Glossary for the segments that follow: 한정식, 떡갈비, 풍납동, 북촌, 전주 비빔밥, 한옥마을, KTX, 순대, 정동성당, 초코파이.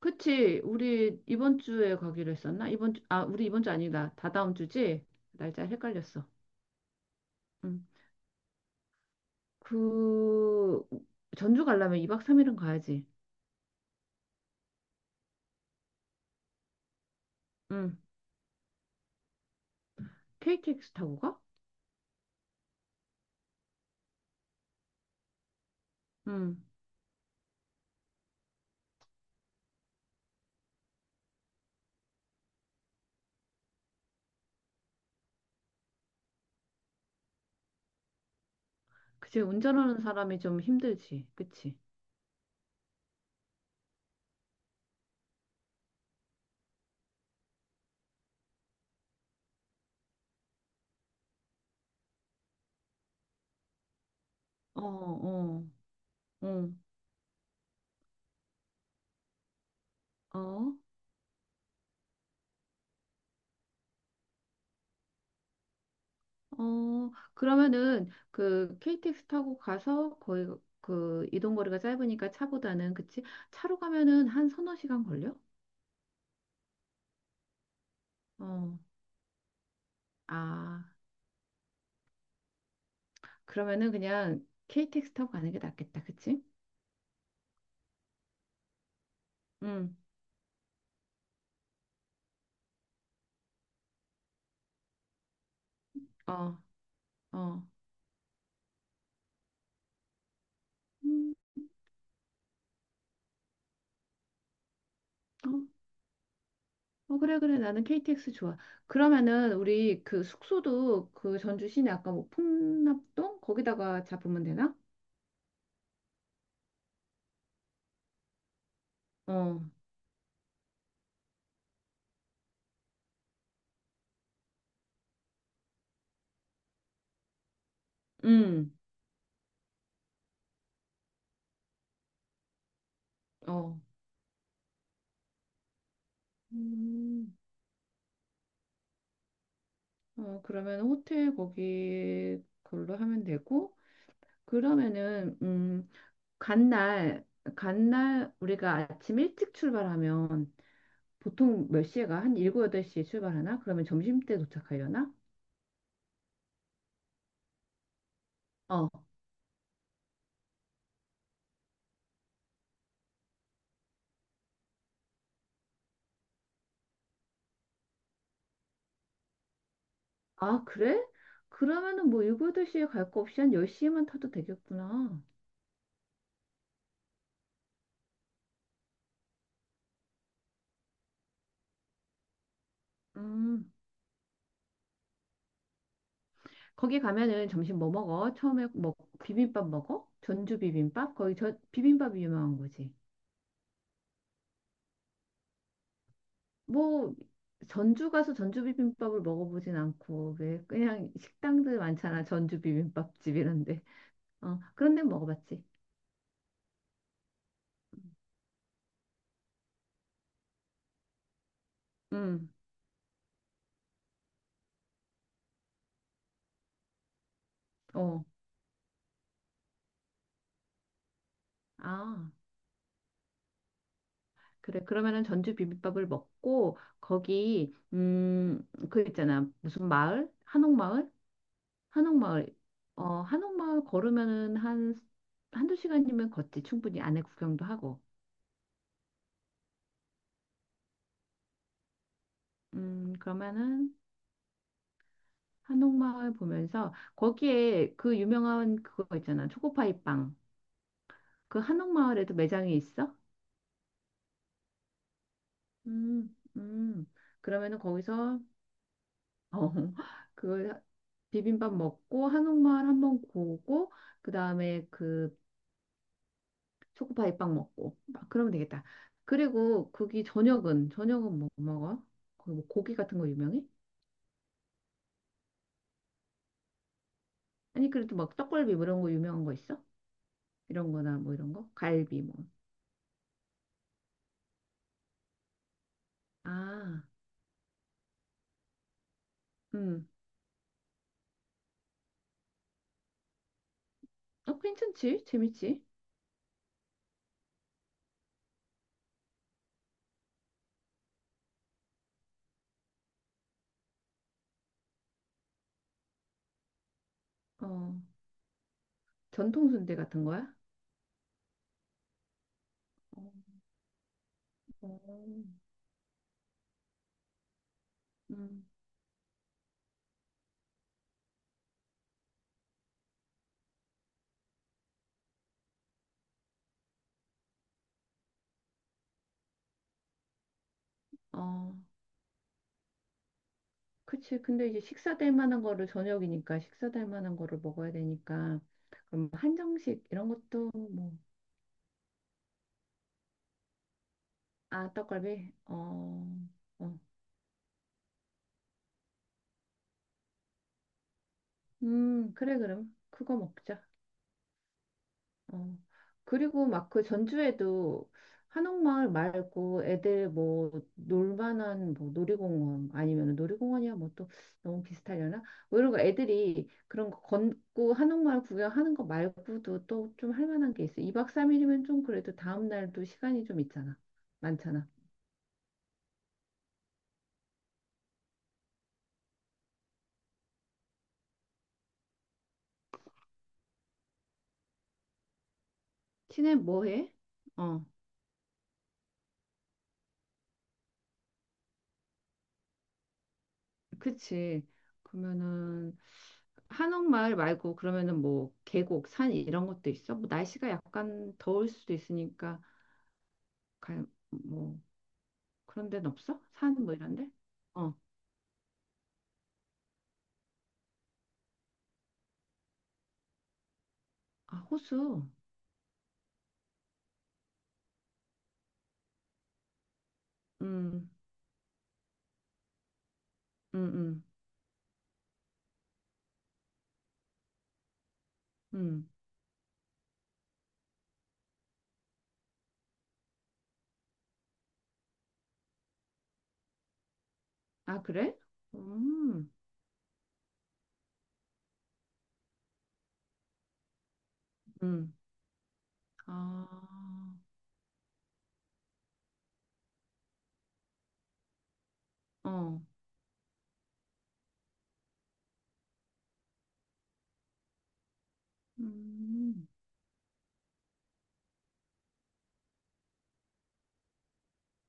그치. 우리 이번 주에 가기로 했었나? 이번 주, 아, 우리 이번 주 아니다. 다다음 주지? 날짜 헷갈렸어. 응. 그, 전주 가려면 2박 3일은 가야지. 응. KTX 타고 가? 응. 그치. 운전하는 사람이 좀 힘들지. 그치. 어, 어, 어, 어, 어. 그러면은 그 KTX 타고 가서 거의 그 이동 거리가 짧으니까 차보다는 그치? 차로 가면은 한 서너 시간 걸려? 어. 아. 그러면은 그냥 KTX 타고 가는 게 낫겠다. 그치? 응. 어. 어. 음, 어. 어, 그래 그래. 나는 KTX 좋아. 그러면은 우리 그 숙소도 그 전주 시내 아까 뭐 풍납동 거기다가 잡으면 되나? 어. 음. 어. 음. 어, 그러면 호텔 거기 걸로 하면 되고 그러면은 간날 간날 우리가 아침 일찍 출발하면 보통 몇 시에 가? 한 일곱 여덟 시에 출발하나? 그러면 점심때 도착하려나? 어. 아, 그래? 그러면은 뭐 일곱 여덟 시에 갈 거 없이 한 열 시에만 타도 되겠구나. 음. 거기 가면은 점심 뭐 먹어? 처음에 뭐 비빔밥 먹어? 전주 비빔밥? 거기 저 비빔밥이 유명한 거지. 뭐 전주 가서 전주 비빔밥을 먹어보진 않고 왜 그냥 식당들 많잖아. 전주 비빔밥집 이런데. 어. 그런 데 먹어봤지. 음. 어. 아. 그래, 그러면은 전주 비빔밥을 먹고, 거기, 그 있잖아. 무슨 마을? 한옥마을? 한옥마을. 어, 한옥마을 걸으면은 한, 한두 시간이면 걷지. 충분히 안에 구경도 하고. 그러면은 한옥마을 보면서, 거기에 그 유명한 그거 있잖아. 초코파이 빵. 그 한옥마을에도 매장이 있어? 음, 음. 그러면은 거기서 어, 그 비빔밥 먹고 한옥마을 한번 보고 그다음에 그 초코파이 빵 먹고 막 그러면 되겠다. 그리고 거기 저녁은 뭐 먹어? 거기 뭐 고기 같은 거 유명해? 아니 그래도 막 떡갈비 뭐 이런 거 유명한 거 있어? 이런 거나 뭐 이런 거? 갈비 뭐. 아, 음. 어, 괜찮지? 재밌지? 어, 전통 순대 같은 거야? 어, 어, 음, 어. 그치. 근데 이제 식사 될 만한 거를 저녁이니까 식사 될 만한 거를 먹어야 되니까 그럼 한정식 이런 것도 뭐 아 떡갈비 어, 어. 그래 그럼 그거 먹자. 어. 그리고 막 그 전주에도 한옥마을 말고 애들 뭐 놀만한 뭐 놀이공원 아니면 놀이공원이야 뭐 또 너무 비슷하려나? 뭐 이런 거 애들이 그런 거 걷고 한옥마을 구경하는 거 말고도 또 좀 할 만한 게 있어. 2박 3일이면 좀 그래도 다음 날도 시간이 좀 있잖아. 많잖아. 친해 뭐 해? 어. 그치. 그러면은 한옥마을 말고 그러면은 뭐 계곡, 산 이런 것도 있어? 뭐 날씨가 약간 더울 수도 있으니까 갈, 뭐 그런 데는 없어? 산 뭐 이런 데? 어. 아, 호수. 음. 음, 음. 음. 아, 그래? 음. 음. 아. 어. 음.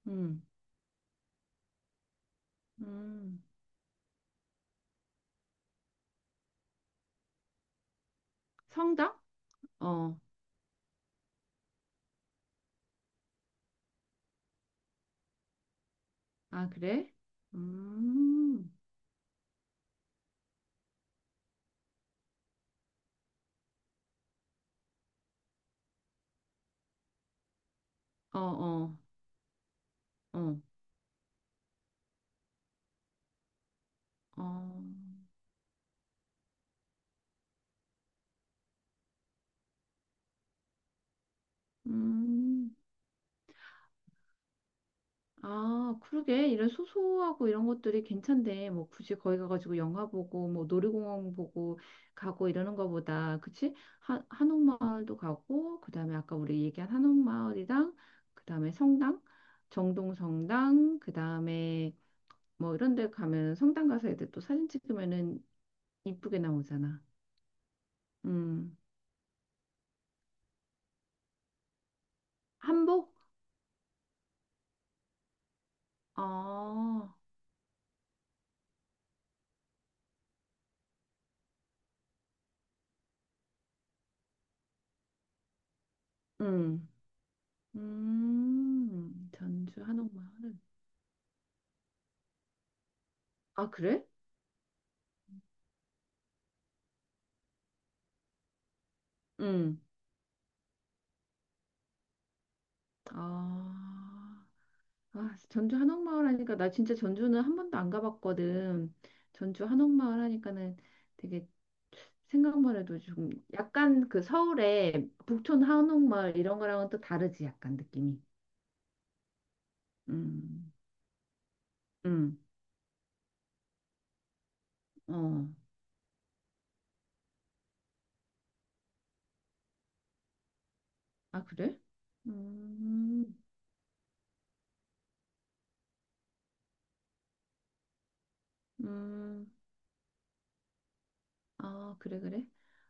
음. 음. 성당? 어. 아, 그래? 음. 어, 어. 어. 어. 음, 아, 그러게. 이런 소소하고 이런 것들이 괜찮대. 뭐 굳이 거기 가가지고 영화 보고, 뭐 놀이공원 보고 가고 이러는 거보다, 그치? 한옥마을도 가고, 그 다음에 아까 우리 얘기한 한옥마을이랑, 그 다음에 성당, 정동성당, 그 다음에 뭐 이런 데 가면 성당 가서 애들 또 사진 찍으면은 이쁘게 나오잖아. 음, 한복? 어, 음, 전주 한옥마을. 아, 그래? 응. 아, 아, 전주 한옥마을 하니까 나 진짜 전주는 한 번도 안 가봤거든. 전주 한옥마을 하니까는 되게 생각만 해도 좀 약간 그 서울의 북촌 한옥마을 이런 거랑은 또 다르지 약간 느낌이. 음, 음, 어, 아 그래? 음, 음, 아 그래 그래.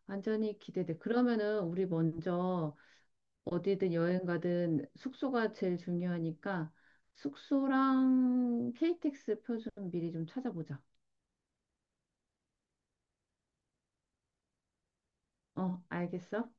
완전히 기대돼. 그러면은 우리 먼저 어디든 여행 가든 숙소가 제일 중요하니까 숙소랑 KTX 표 좀 미리 좀 찾아보자. 어, 알겠어?